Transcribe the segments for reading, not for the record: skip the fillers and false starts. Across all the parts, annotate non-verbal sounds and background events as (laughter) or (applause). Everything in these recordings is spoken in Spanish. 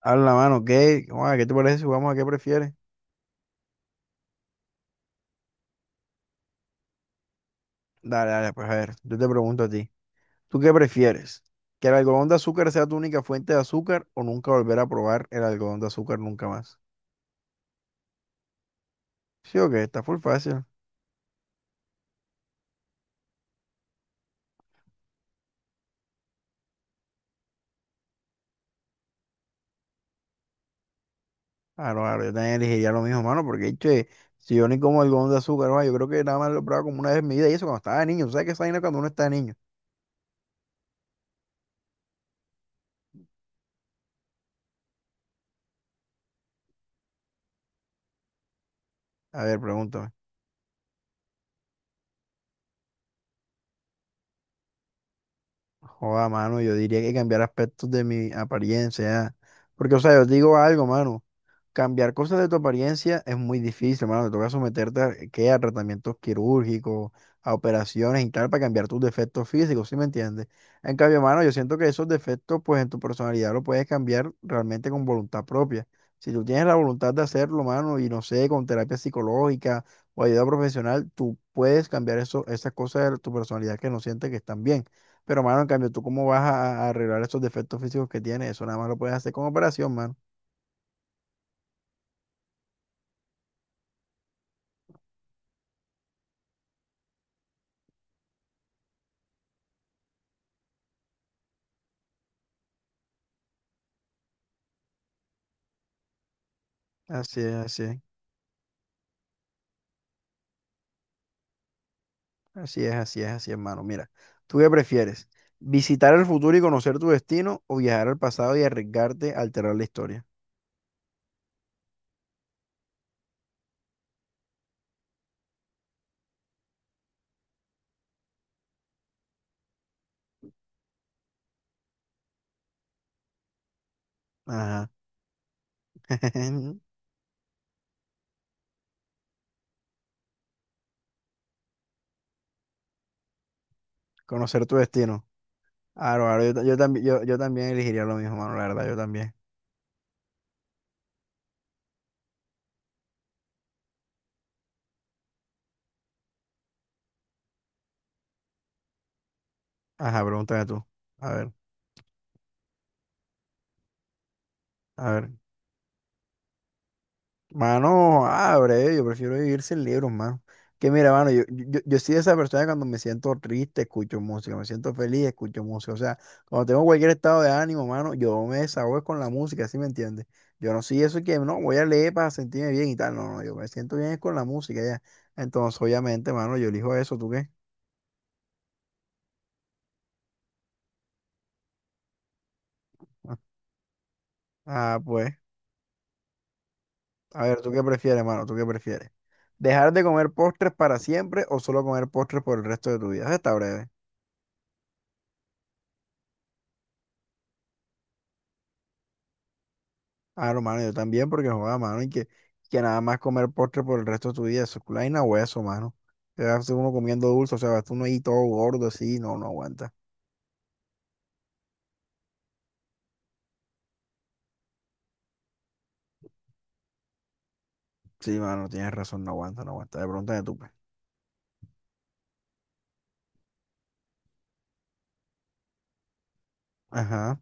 A la mano, ¿qué? ¿Cómo va? ¿Qué te parece si jugamos a qué prefieres? Dale, dale, pues a ver, yo te pregunto a ti. ¿Tú qué prefieres? ¿Que el algodón de azúcar sea tu única fuente de azúcar o nunca volver a probar el algodón de azúcar nunca más? Sí o qué, está full fácil. Claro, claro, yo también elegiría lo mismo, mano, porque che, si yo ni como algodón de azúcar, va, yo creo que nada más lo he probado como una vez en mi vida y eso cuando estaba niño. ¿Tú ¿Sabes qué es esa vaina cuando uno está niño? A ver, pregúntame. Joda, mano, yo diría que cambiar aspectos de mi apariencia, porque, o sea, yo te digo algo, mano. Cambiar cosas de tu apariencia es muy difícil, hermano. Te toca someterte a, ¿qué? A tratamientos quirúrgicos, a operaciones y tal, para cambiar tus defectos físicos, ¿sí me entiendes? En cambio, hermano, yo siento que esos defectos, pues en tu personalidad lo puedes cambiar realmente con voluntad propia. Si tú tienes la voluntad de hacerlo, hermano, y no sé, con terapia psicológica o ayuda profesional, tú puedes cambiar eso, esas cosas de tu personalidad que no sientes que están bien. Pero, hermano, en cambio, ¿tú cómo vas a arreglar esos defectos físicos que tienes? Eso nada más lo puedes hacer con operación, mano. Así es, así es. Así es, así es, así es, hermano. Mira, ¿tú qué prefieres? ¿Visitar el futuro y conocer tu destino o viajar al pasado y arriesgarte a alterar la historia? Ajá. (laughs) Conocer tu destino. Claro, claro, yo también, yo también elegiría lo mismo, mano. La verdad, yo también. Ajá, pregúntame tú. A ver, a ver. Mano, abre, yo prefiero vivir sin libros, mano. Que mira, mano, yo soy esa persona que cuando me siento triste, escucho música, me siento feliz, escucho música. O sea, cuando tengo cualquier estado de ánimo, mano, yo me desahogo con la música, ¿sí me entiendes? Yo no soy eso que no voy a leer para sentirme bien y tal. No, no, yo me siento bien es con la música ya. Entonces, obviamente, mano, yo elijo eso. ¿Tú qué? (laughs) Ah, pues, a ver, ¿tú qué prefieres, mano? ¿Tú qué prefieres? ¿Dejar de comer postres para siempre o solo comer postres por el resto de tu vida? Eso está breve. Claro, mano, yo también, porque joda, mano, y que nada más comer postre por el resto de tu vida, eso es vaina hueso, mano. Te vas uno comiendo dulce, o sea, vas uno ahí todo gordo así, no, no aguanta. Sí, mano, tienes razón, no aguanta, no aguanta. De pronto de tu. Ajá.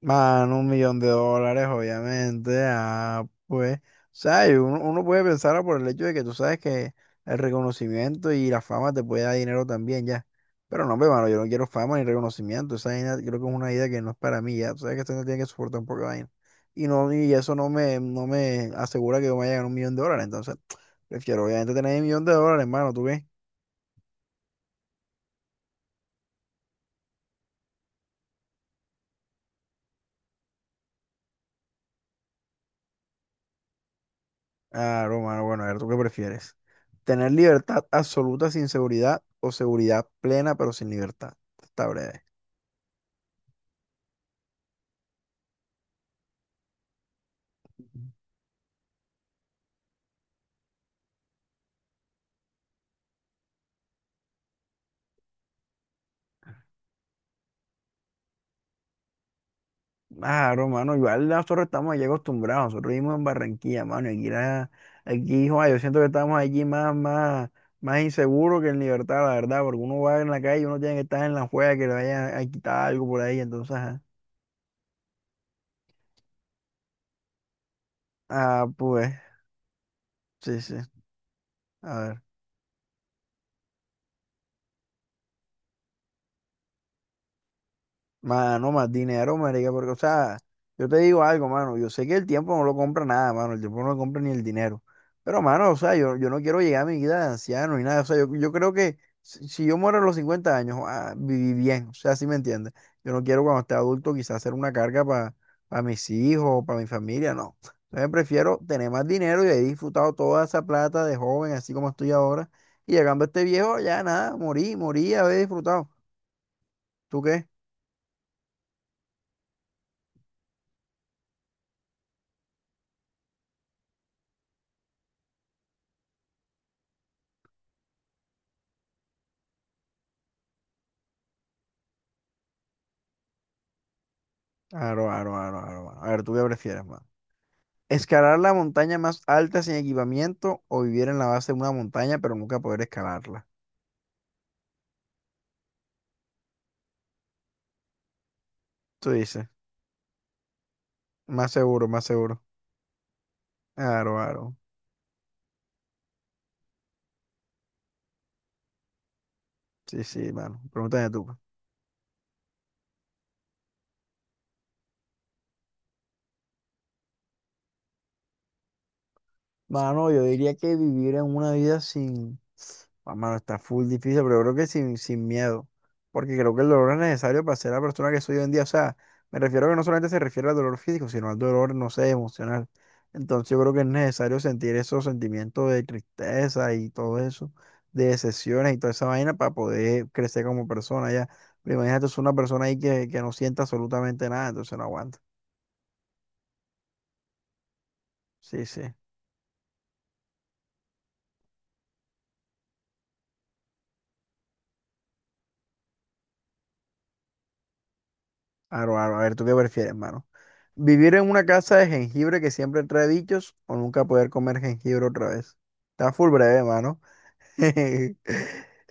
Mano, 1 millón de dólares, obviamente. Ah, pues, o sea, y uno puede pensar por el hecho de que tú sabes que el reconocimiento y la fama te puede dar dinero también, ya. Pero no, hermano, yo no quiero fama ni reconocimiento. Esa vaina creo que es una idea que no es para mí, ya. Tú sabes que esto no tiene que soportar un poco de vaina. Y, no, y eso no me asegura que yo me vaya a ganar 1 millón de dólares. Entonces, (tsk) prefiero obviamente tener 1 millón de dólares, hermano. ¿Tú qué? Ah, romano, bueno, a ver, ¿tú qué prefieres? ¿Tener libertad absoluta sin seguridad o seguridad plena pero sin libertad? Está breve. Ah, romano, igual nosotros estamos allí acostumbrados, nosotros vivimos en Barranquilla, mano, y aquí, aquí joa, yo siento que estamos allí más inseguros que en libertad, la verdad, porque uno va en la calle y uno tiene que estar en la juega que le vayan a quitar algo por ahí, entonces, ajá. Ah, pues, sí, sí, a ver. Mano, más dinero, marica, porque, o sea, yo te digo algo, mano, yo sé que el tiempo no lo compra nada, mano, el tiempo no lo compra ni el dinero, pero, mano, o sea, yo no quiero llegar a mi vida de anciano ni nada, o sea, yo creo que si yo muero a los 50 años, ah, viví bien, o sea, ¿si me entiendes? Yo no quiero cuando esté adulto quizás ser una carga para mis hijos, para mi familia, no. Entonces prefiero tener más dinero y haber disfrutado toda esa plata de joven, así como estoy ahora, y llegando a este viejo, ya nada, morí, morí, haber disfrutado. ¿Tú qué? Aro, aro, aro, aro, mano. A ver, ¿tú qué prefieres, mano? ¿Escalar la montaña más alta sin equipamiento o vivir en la base de una montaña pero nunca poder escalarla? Tú dices, más seguro, más seguro. Aro, aro. Sí, sí, mano. Pregúntame tú, pues. Mano, yo diría que vivir en una vida sin. Ah, mano, está full difícil, pero creo que sin miedo, porque creo que el dolor es necesario para ser la persona que soy hoy en día. O sea, me refiero a que no solamente se refiere al dolor físico, sino al dolor, no sé, emocional. Entonces yo creo que es necesario sentir esos sentimientos de tristeza y todo eso, de decepciones y toda esa vaina para poder crecer como persona ya. Pero imagínate, es una persona ahí que no sienta absolutamente nada, entonces no aguanta. Sí, sí. Aro, aro, a ver, ¿tú qué prefieres, hermano? ¿Vivir en una casa de jengibre que siempre trae bichos o nunca poder comer jengibre otra vez? Está full breve, mano. (laughs)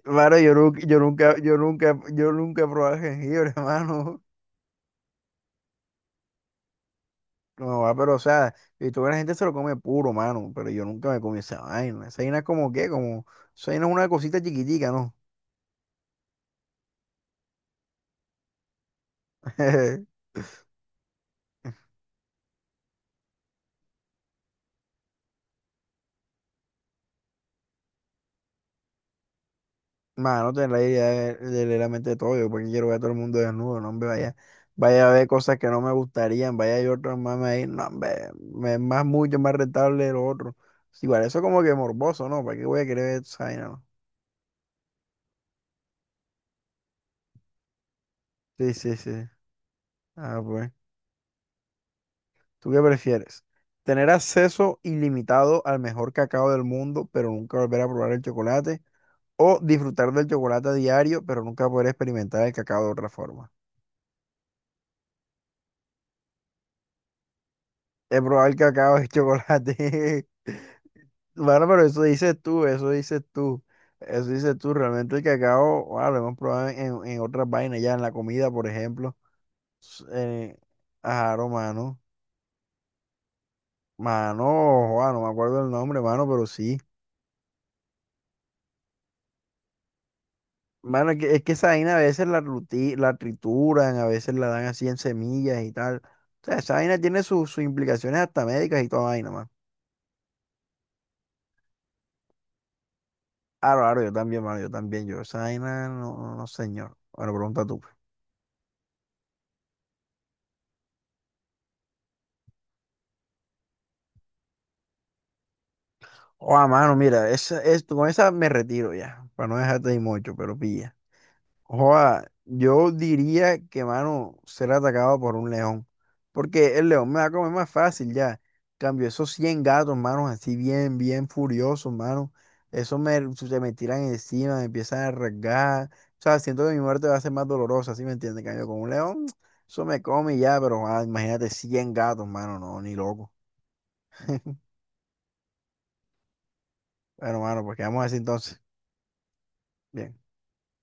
Mano, yo nunca, yo nunca, yo nunca, yo nunca he probado jengibre, (laughs) mano. No, va, pero o sea, y toda la gente se lo come puro, mano, pero yo nunca me comí esa vaina. Esa vaina es como qué, como, esa vaina es una cosita chiquitica, ¿no? (laughs) Mano, tener la idea de leer la mente de todo. Yo porque quiero ver a todo el mundo desnudo, no hombre, vaya, vaya a ver cosas que no me gustarían, vaya yo otros mames ahí, no hombre, me es más mucho más rentable lo otro. Sí, igual eso como que morboso, ¿no? ¿Para qué voy a querer ver esa vaina, no? Sí, sí, sí. Ah, pues. ¿Tú qué prefieres? ¿Tener acceso ilimitado al mejor cacao del mundo, pero nunca volver a probar el chocolate? ¿O disfrutar del chocolate a diario, pero nunca poder experimentar el cacao de otra forma? He probado el cacao y el (laughs) chocolate. Bueno, pero eso dices tú, eso dices tú, eso dices tú. Realmente el cacao, wow, lo hemos probado en otras vainas, ya en la comida, por ejemplo. S- Eh, ajá, no, mano. Mano, joa, no me acuerdo el nombre, mano, pero sí. Mano, es que, esa vaina a veces la trituran, a veces la dan así en semillas y tal. O sea, esa vaina tiene sus implicaciones hasta médicas y toda vaina, mano. Claro, claro, yo también, mano, yo también, yo. Esa vaina, no, no, no, señor. Bueno, pregunta tú. Oa, mano, mira, con esa me retiro ya, para no dejarte ahí mucho, pero pilla. Oa, yo diría que, mano, ser atacado por un león, porque el león me va a comer más fácil ya. Cambio esos 100 gatos, mano, así bien, bien furiosos, mano. Se me tiran encima, me empiezan a rasgar. O sea, siento que mi muerte va a ser más dolorosa, ¿sí me entiendes? Cambio con un león, eso me come y ya, pero imagínate 100 gatos, mano, no, ni loco. (laughs) Bueno, mano, pues quedamos así entonces. Bien.